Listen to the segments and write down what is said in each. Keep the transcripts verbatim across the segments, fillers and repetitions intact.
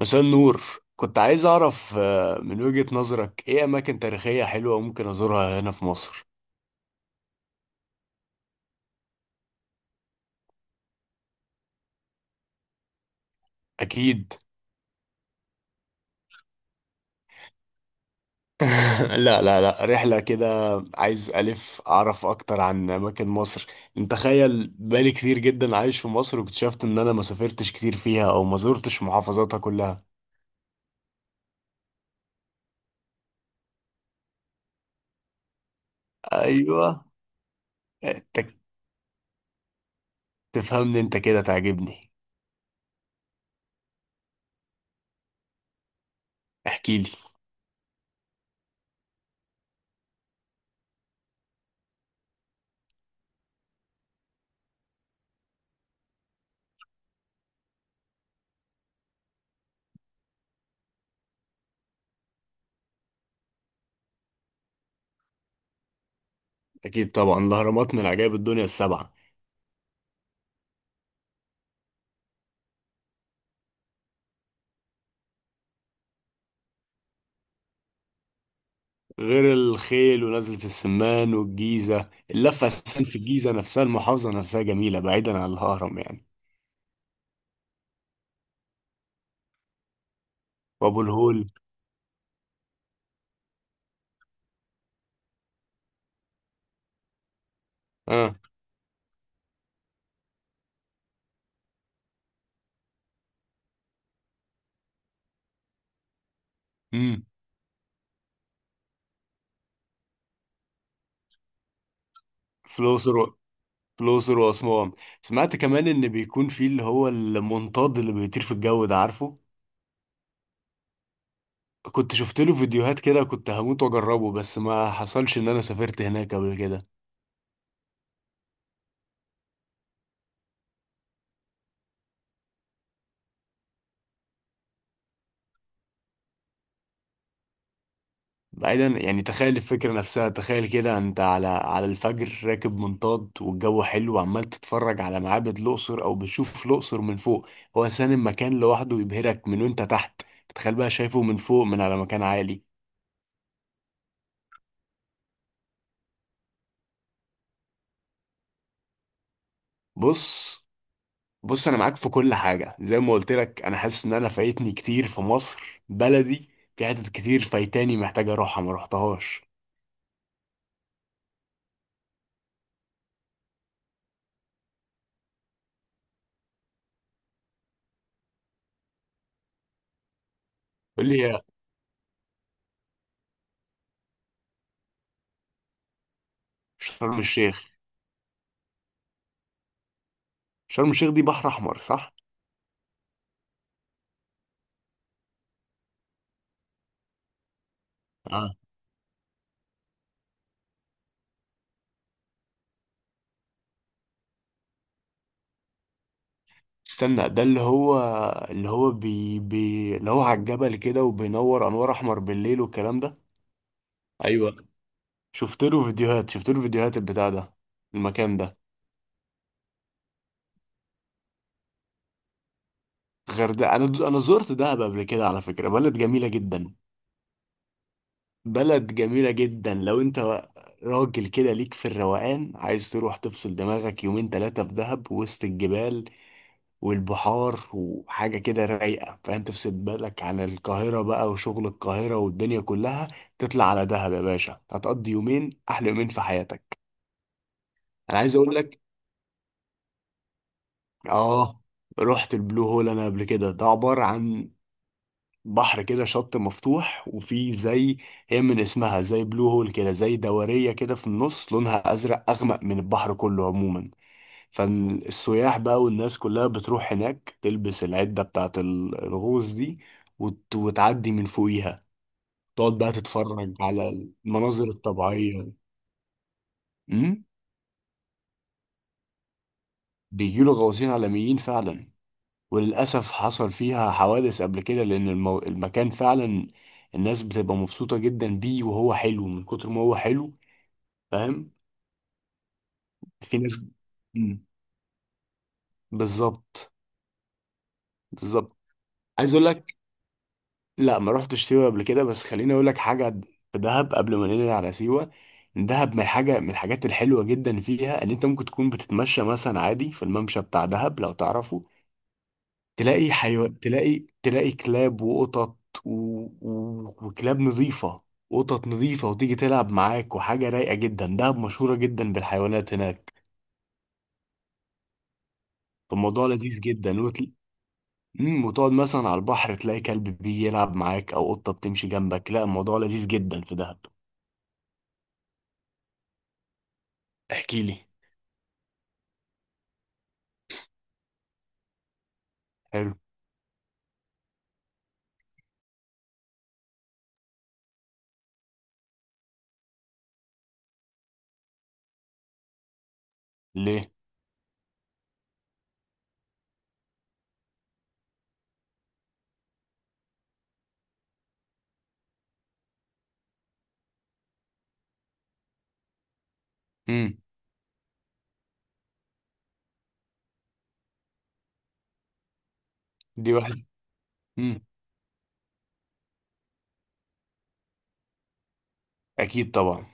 مساء النور. كنت عايز أعرف آه، من وجهة نظرك إيه أماكن تاريخية حلوة ممكن أزورها هنا في مصر؟ أكيد. لا لا لا، رحلة كده. عايز ألف أعرف أكتر عن أماكن مصر. أنت تخيل، بقالي كتير جدا عايش في مصر واكتشفت إن أنا ما سافرتش كتير فيها أو ما زرتش محافظاتها كلها. أيوه. أنت تفهمني، أنت كده تعجبني. احكيلي. أكيد طبعا، الأهرامات من عجائب الدنيا السبعة. غير الخيل ونزلة السمان والجيزة، اللفة أساسا في الجيزة نفسها، المحافظة نفسها جميلة بعيدا عن الهرم يعني. وأبو الهول. آه. امم. في الأقصر و- في الأقصر وأسوان. سمعت كمان إن بيكون في اللي هو المنطاد اللي بيطير في الجو ده، عارفه؟ كنت شفت له فيديوهات كده، كنت هموت وأجربه بس ما حصلش إن أنا سافرت هناك قبل كده. بعيدا يعني، تخيل الفكرة نفسها، تخيل كده انت على على الفجر راكب منطاد والجو حلو وعمال تتفرج على معابد الأقصر او بتشوف الأقصر من فوق. هو سان المكان لوحده يبهرك من وانت تحت، تخيل بقى شايفه من فوق من على مكان عالي. بص، بص انا معاك في كل حاجة. زي ما قلت لك انا حاسس ان انا فايتني كتير في مصر بلدي. في حتت كتير فايتاني محتاج اروحها ما روحتهاش. قول لي يا. شرم الشيخ. شرم الشيخ دي بحر احمر صح؟ استنى، ده اللي هو اللي هو بي بي اللي هو على الجبل كده وبينور انوار احمر بالليل والكلام ده؟ ايوه. شفت له فيديوهات شفت له فيديوهات البتاع ده. المكان ده. غير ده، انا انا زرت دهب قبل كده على فكرة، بلد جميلة جدا. بلد جميلة جدا. لو انت راجل كده ليك في الروقان، عايز تروح تفصل دماغك يومين ثلاثة في دهب وسط الجبال والبحار وحاجة كده رايقة، فاهم؟ تفصل بالك عن القاهرة بقى وشغل القاهرة والدنيا كلها. تطلع على دهب يا باشا، هتقضي يومين أحلى يومين في حياتك. أنا عايز أقول لك. آه رحت البلو هول أنا قبل كده. ده عبارة عن بحر كده شط مفتوح وفي زي، هي من اسمها زي بلو هول كده، زي دورية كده في النص لونها أزرق أغمق من البحر كله عموما. فالسياح بقى والناس كلها بتروح هناك تلبس العدة بتاعة ال- الغوص دي وت... وتعدي من فوقيها. تقعد بقى تتفرج على المناظر الطبيعية. امم. بيجيله غواصين عالميين فعلا، وللأسف حصل فيها حوادث قبل كده لأن المو... المكان فعلا الناس بتبقى مبسوطة جدا بيه، وهو حلو من كتر ما هو حلو، فاهم؟ في ناس. مم. بالظبط. بالظبط، عايز اقول لك. لا، ما رحتش سيوة قبل كده بس خليني اقول لك حاجة. في دهب قبل ما ننقل على سيوة، دهب من حاجة من الحاجات الحلوة جدا فيها ان انت ممكن تكون بتتمشى مثلا عادي في الممشى بتاع دهب لو تعرفه، تلاقي حيوان، تلاقي تلاقي كلاب وقطط و... و... وكلاب نظيفة، قطط نظيفة، وتيجي تلعب معاك، وحاجة رايقة جدا، دهب مشهورة جدا بالحيوانات هناك. فالموضوع لذيذ جدا وتل... مم، وتقعد مثلا على البحر تلاقي كلب بيلعب معاك او قطة بتمشي جنبك. لا، الموضوع لذيذ جدا في دهب. احكي لي. حلو. ليه؟ امم. دي واحد. امم. اكيد طبعا.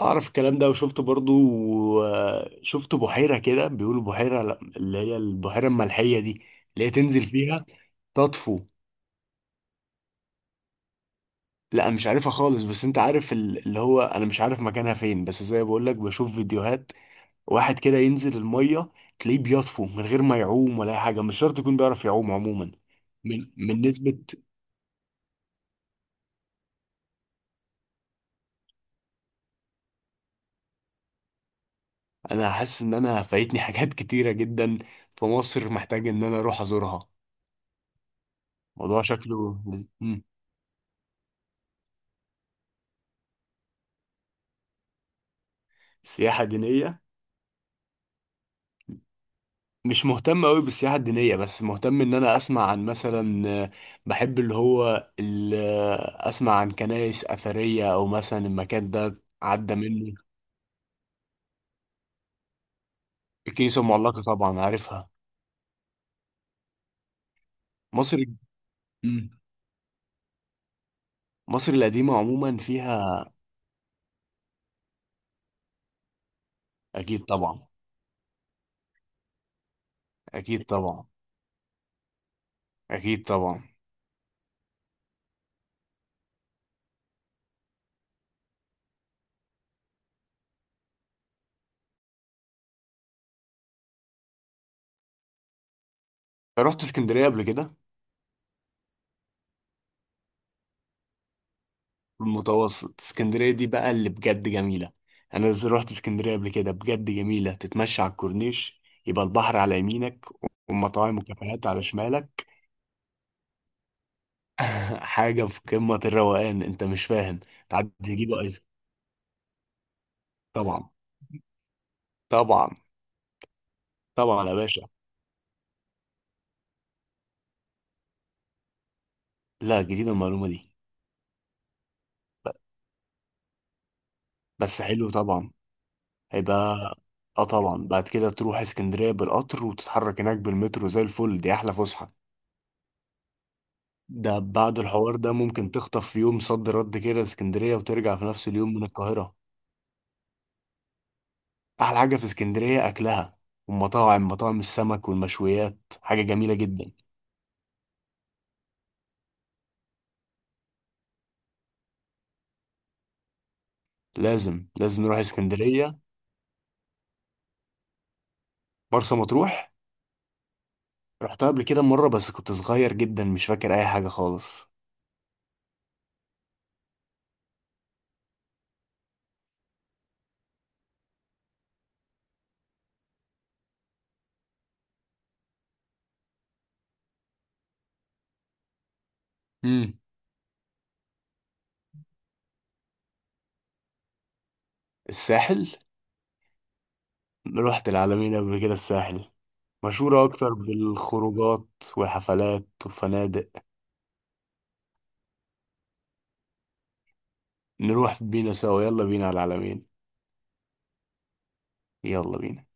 اعرف الكلام ده وشفت برضو. آه، شفت بحيرة كده بيقولوا بحيرة، لا، اللي هي البحيرة الملحية دي، اللي هي تنزل فيها تطفو. لا مش عارفها خالص، بس انت عارف ال- اللي هو، انا مش عارف مكانها فين بس زي بقول لك بشوف فيديوهات. واحد كده ينزل المية تلاقيه بيطفو من غير ما يعوم ولا اي حاجة، مش شرط يكون بيعرف يعوم عموما. من من نسبة. انا حاسس ان انا فايتني حاجات كتيره جدا في مصر، محتاج ان انا اروح ازورها. موضوع شكله لز- مم. سياحه دينيه. مش مهتم قوي بالسياحه الدينيه، بس مهتم ان انا اسمع عن مثلا، آه، بحب اللي هو ال- آه، اسمع عن كنائس اثريه او مثلا المكان ده عدى منه. الكنيسه المعلقه طبعا عارفها. مصر. مم. مصر القديمه عموما فيها. اكيد طبعا. اكيد طبعا. اكيد طبعا. رحت اسكندريه قبل كده. المتوسط، اسكندرية دي بقى اللي بجد جميلة. أنا ز- رحت اسكندرية قبل كده بجد جميلة، تتمشى على الكورنيش يبقى البحر على يمينك ومطاعم وكافيهات على شمالك. حاجة في قمة الروقان أنت مش فاهم. تعدي تجيبوا آيس. طبعا. طبعا. طبعا يا باشا. لا، جديدة المعلومة دي. ب- بس حلو طبعا. هيبقى. اه طبعا، بعد كده تروح اسكندرية بالقطر وتتحرك هناك بالمترو زي الفل، دي أحلى فسحة. ده بعد الحوار ده ممكن تخطف في يوم صد رد كده اسكندرية وترجع في نفس اليوم من القاهرة. أحلى حاجة في اسكندرية أكلها، والمطاعم، مطاعم السمك والمشويات حاجة جميلة جدا. لازم لازم نروح اسكندرية. مرسى مطروح. رحتها قبل كده مرة بس كنت صغير جدا مش فاكر أي حاجة خالص. امم. الساحل. رحت العلمين قبل كده، الساحل مشهورة أكتر بالخروجات وحفلات وفنادق. نروح بينا سوا، يلا بينا على العلمين. يلا بينا.